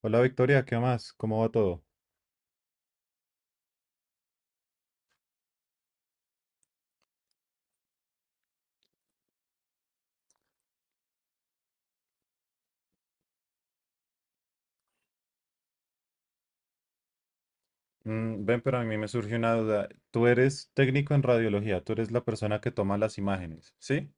Hola Victoria, ¿qué más? ¿Cómo va todo? Ven, pero a mí me surgió una duda. Tú eres técnico en radiología, tú eres la persona que toma las imágenes, ¿sí?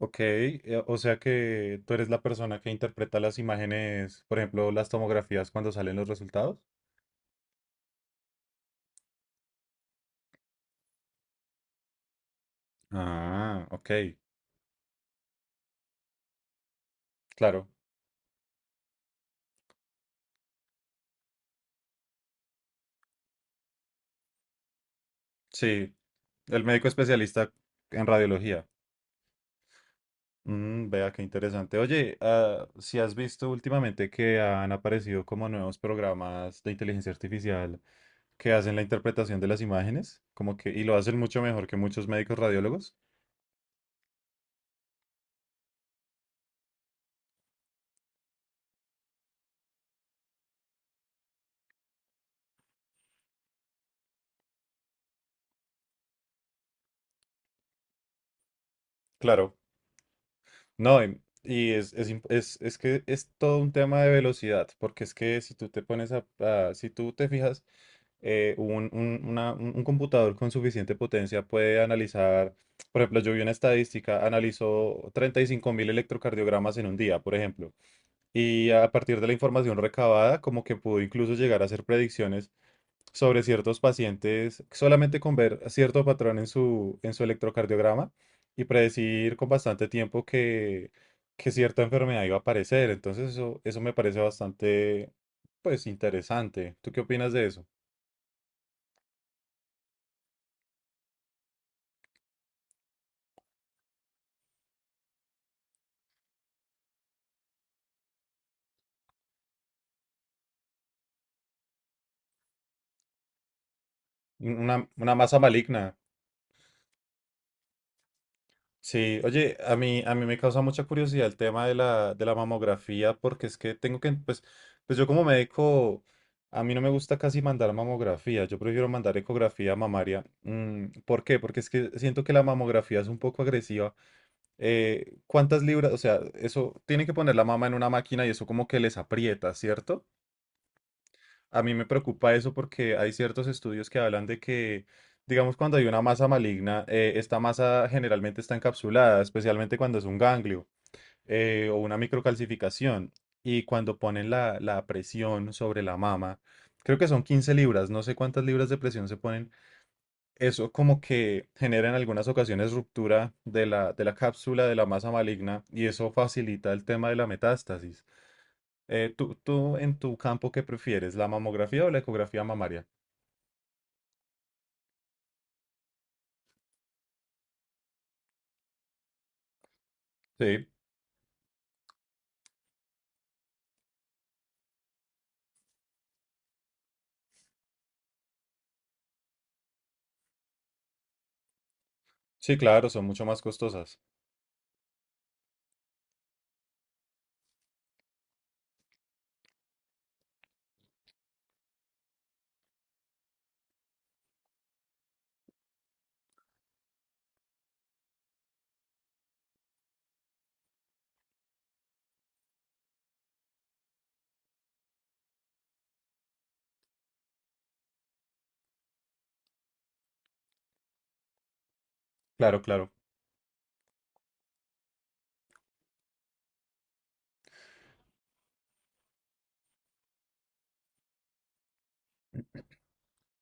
Ok, o sea que tú eres la persona que interpreta las imágenes, por ejemplo, las tomografías cuando salen los resultados. Ah, ok, claro. Sí, el médico especialista en radiología. Vea qué interesante. Oye, si has visto últimamente que han aparecido como nuevos programas de inteligencia artificial que hacen la interpretación de las imágenes, como que, y lo hacen mucho mejor que muchos médicos radiólogos. Claro. No, y es que es todo un tema de velocidad, porque es que si tú te pones si tú te fijas, un computador con suficiente potencia puede analizar, por ejemplo, yo vi una estadística, analizó 35,000 electrocardiogramas en un día, por ejemplo, y a partir de la información recabada, como que pudo incluso llegar a hacer predicciones sobre ciertos pacientes solamente con ver cierto patrón en su electrocardiograma y predecir con bastante tiempo que cierta enfermedad iba a aparecer. Entonces eso me parece bastante, pues, interesante. ¿Tú qué opinas de eso? Una masa maligna. Sí, oye, a mí me causa mucha curiosidad el tema de la mamografía, porque es que tengo que, pues yo como médico, a mí no me gusta casi mandar mamografía, yo prefiero mandar ecografía mamaria. ¿Por qué? Porque es que siento que la mamografía es un poco agresiva. ¿Cuántas libras? O sea, eso, tienen que poner la mama en una máquina y eso como que les aprieta, ¿cierto? A mí me preocupa eso porque hay ciertos estudios que hablan de que, digamos, cuando hay una masa maligna, esta masa generalmente está encapsulada, especialmente cuando es un ganglio o una microcalcificación. Y cuando ponen la, la presión sobre la mama, creo que son 15 libras, no sé cuántas libras de presión se ponen. Eso como que genera en algunas ocasiones ruptura de la cápsula de la masa maligna y eso facilita el tema de la metástasis. ¿Tú, tú en tu campo qué prefieres, la mamografía o la ecografía mamaria? Sí, sí, claro, son mucho más costosas. Claro, claro.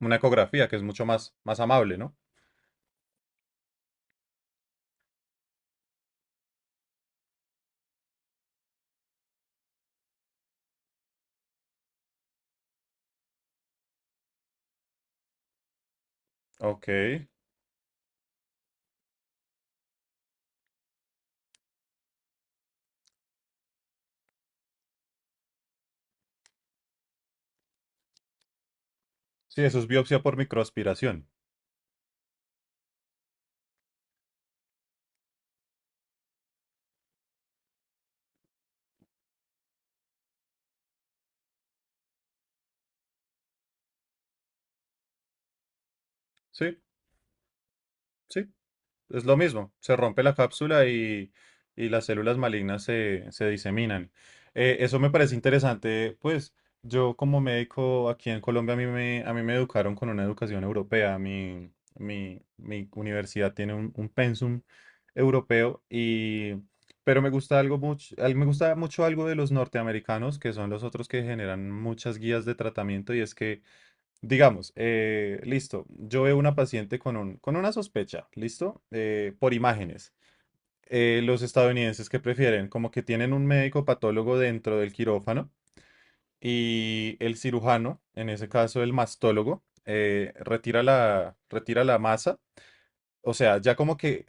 Una ecografía que es mucho más, más amable, ¿no? Ok. Sí, eso es biopsia por microaspiración. Sí, sí. Es lo mismo, se rompe la cápsula y las células malignas se, se diseminan. Eso me parece interesante, pues yo como médico aquí en Colombia a mí me educaron con una educación europea. Mi universidad tiene un pensum europeo. Pero me gusta algo mucho, me gusta mucho algo de los norteamericanos, que son los otros que generan muchas guías de tratamiento, y es que, digamos, listo, yo veo una paciente con un, con una sospecha, listo, por imágenes. Los estadounidenses que prefieren, como que tienen un médico patólogo dentro del quirófano y el cirujano, en ese caso el mastólogo, retira la masa, o sea, ya como que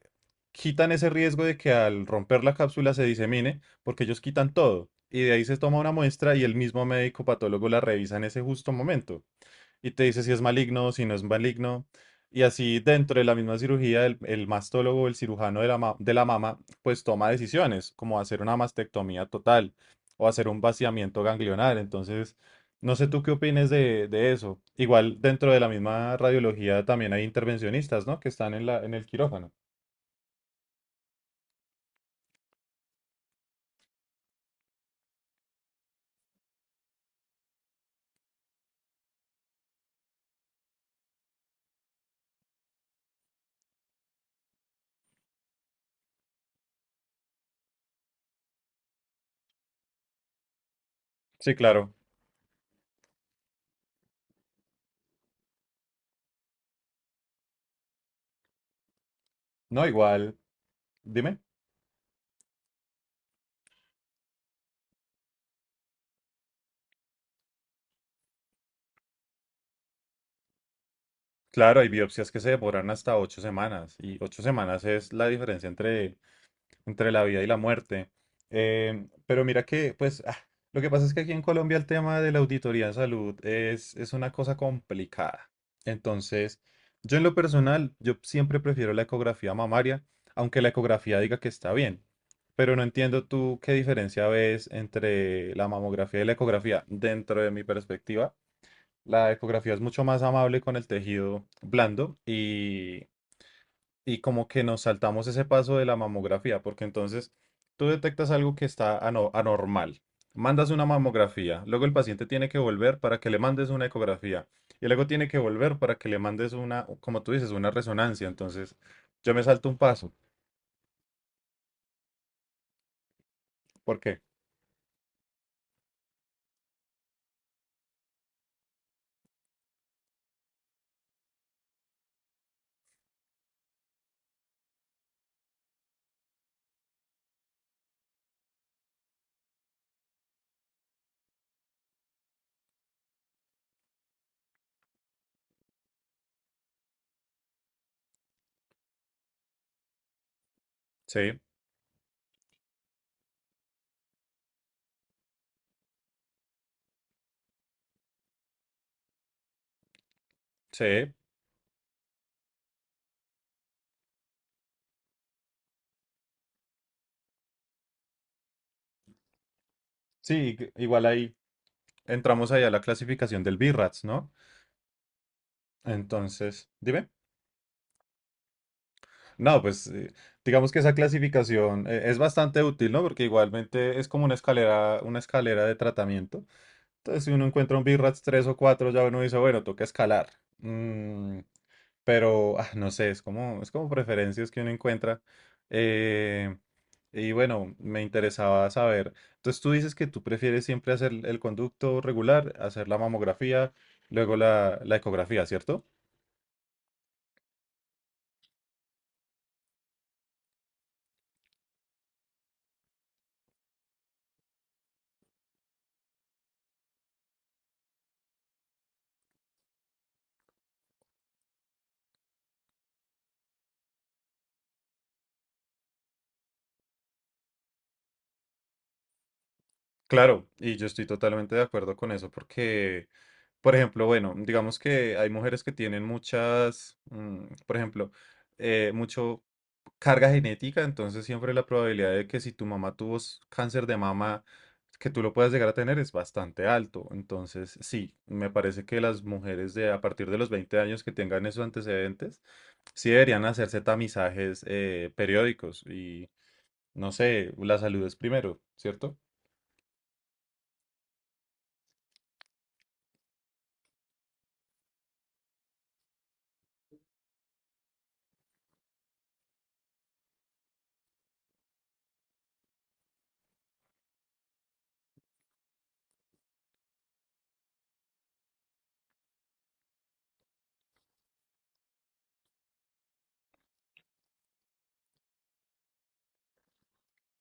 quitan ese riesgo de que al romper la cápsula se disemine, porque ellos quitan todo. Y de ahí se toma una muestra y el mismo médico patólogo la revisa en ese justo momento y te dice si es maligno, si no es maligno. Y así dentro de la misma cirugía, el mastólogo, el cirujano de la, de la mama, pues toma decisiones, como hacer una mastectomía total o hacer un vaciamiento ganglionar. Entonces, no sé tú qué opines de eso. Igual dentro de la misma radiología también hay intervencionistas, ¿no? Que están en la, en el quirófano. Sí, claro. No, igual, dime. Claro, hay biopsias que se demoran hasta 8 semanas y 8 semanas es la diferencia entre entre la vida y la muerte. Pero mira que, pues, lo que pasa es que aquí en Colombia el tema de la auditoría en salud es una cosa complicada. Entonces, yo en lo personal, yo siempre prefiero la ecografía mamaria, aunque la ecografía diga que está bien. Pero no entiendo tú qué diferencia ves entre la mamografía y la ecografía. Dentro de mi perspectiva, la ecografía es mucho más amable con el tejido blando y como que nos saltamos ese paso de la mamografía, porque entonces tú detectas algo que está anormal, mandas una mamografía, luego el paciente tiene que volver para que le mandes una ecografía, y luego tiene que volver para que le mandes una, como tú dices, una resonancia. Entonces yo me salto un paso. ¿Por qué? Sí, sí, sí, igual ahí entramos ahí a la clasificación del BIRATS, ¿no? Entonces, dime. No, pues digamos que esa clasificación es bastante útil, ¿no? Porque igualmente es como una escalera de tratamiento. Entonces, si uno encuentra un BIRATS 3 o 4, ya uno dice, bueno, toca escalar. Mm, pero, no sé, es como preferencias que uno encuentra. Eh, y bueno, me interesaba saber. Entonces, tú dices que tú prefieres siempre hacer el conducto regular, hacer la mamografía, luego la, la ecografía, ¿cierto? Claro, y yo estoy totalmente de acuerdo con eso porque, por ejemplo, bueno, digamos que hay mujeres que tienen muchas, por ejemplo, mucho carga genética, entonces siempre la probabilidad de que si tu mamá tuvo cáncer de mama, que tú lo puedas llegar a tener es bastante alto. Entonces, sí, me parece que las mujeres de a partir de los 20 años que tengan esos antecedentes, sí deberían hacerse tamizajes periódicos y, no sé, la salud es primero, ¿cierto?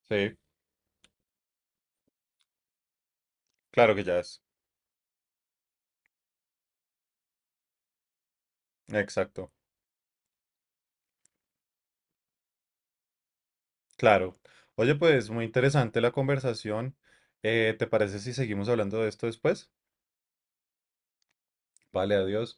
Sí, claro que ya es. Exacto. Claro. Oye, pues muy interesante la conversación. ¿Te parece si seguimos hablando de esto después? Vale, adiós.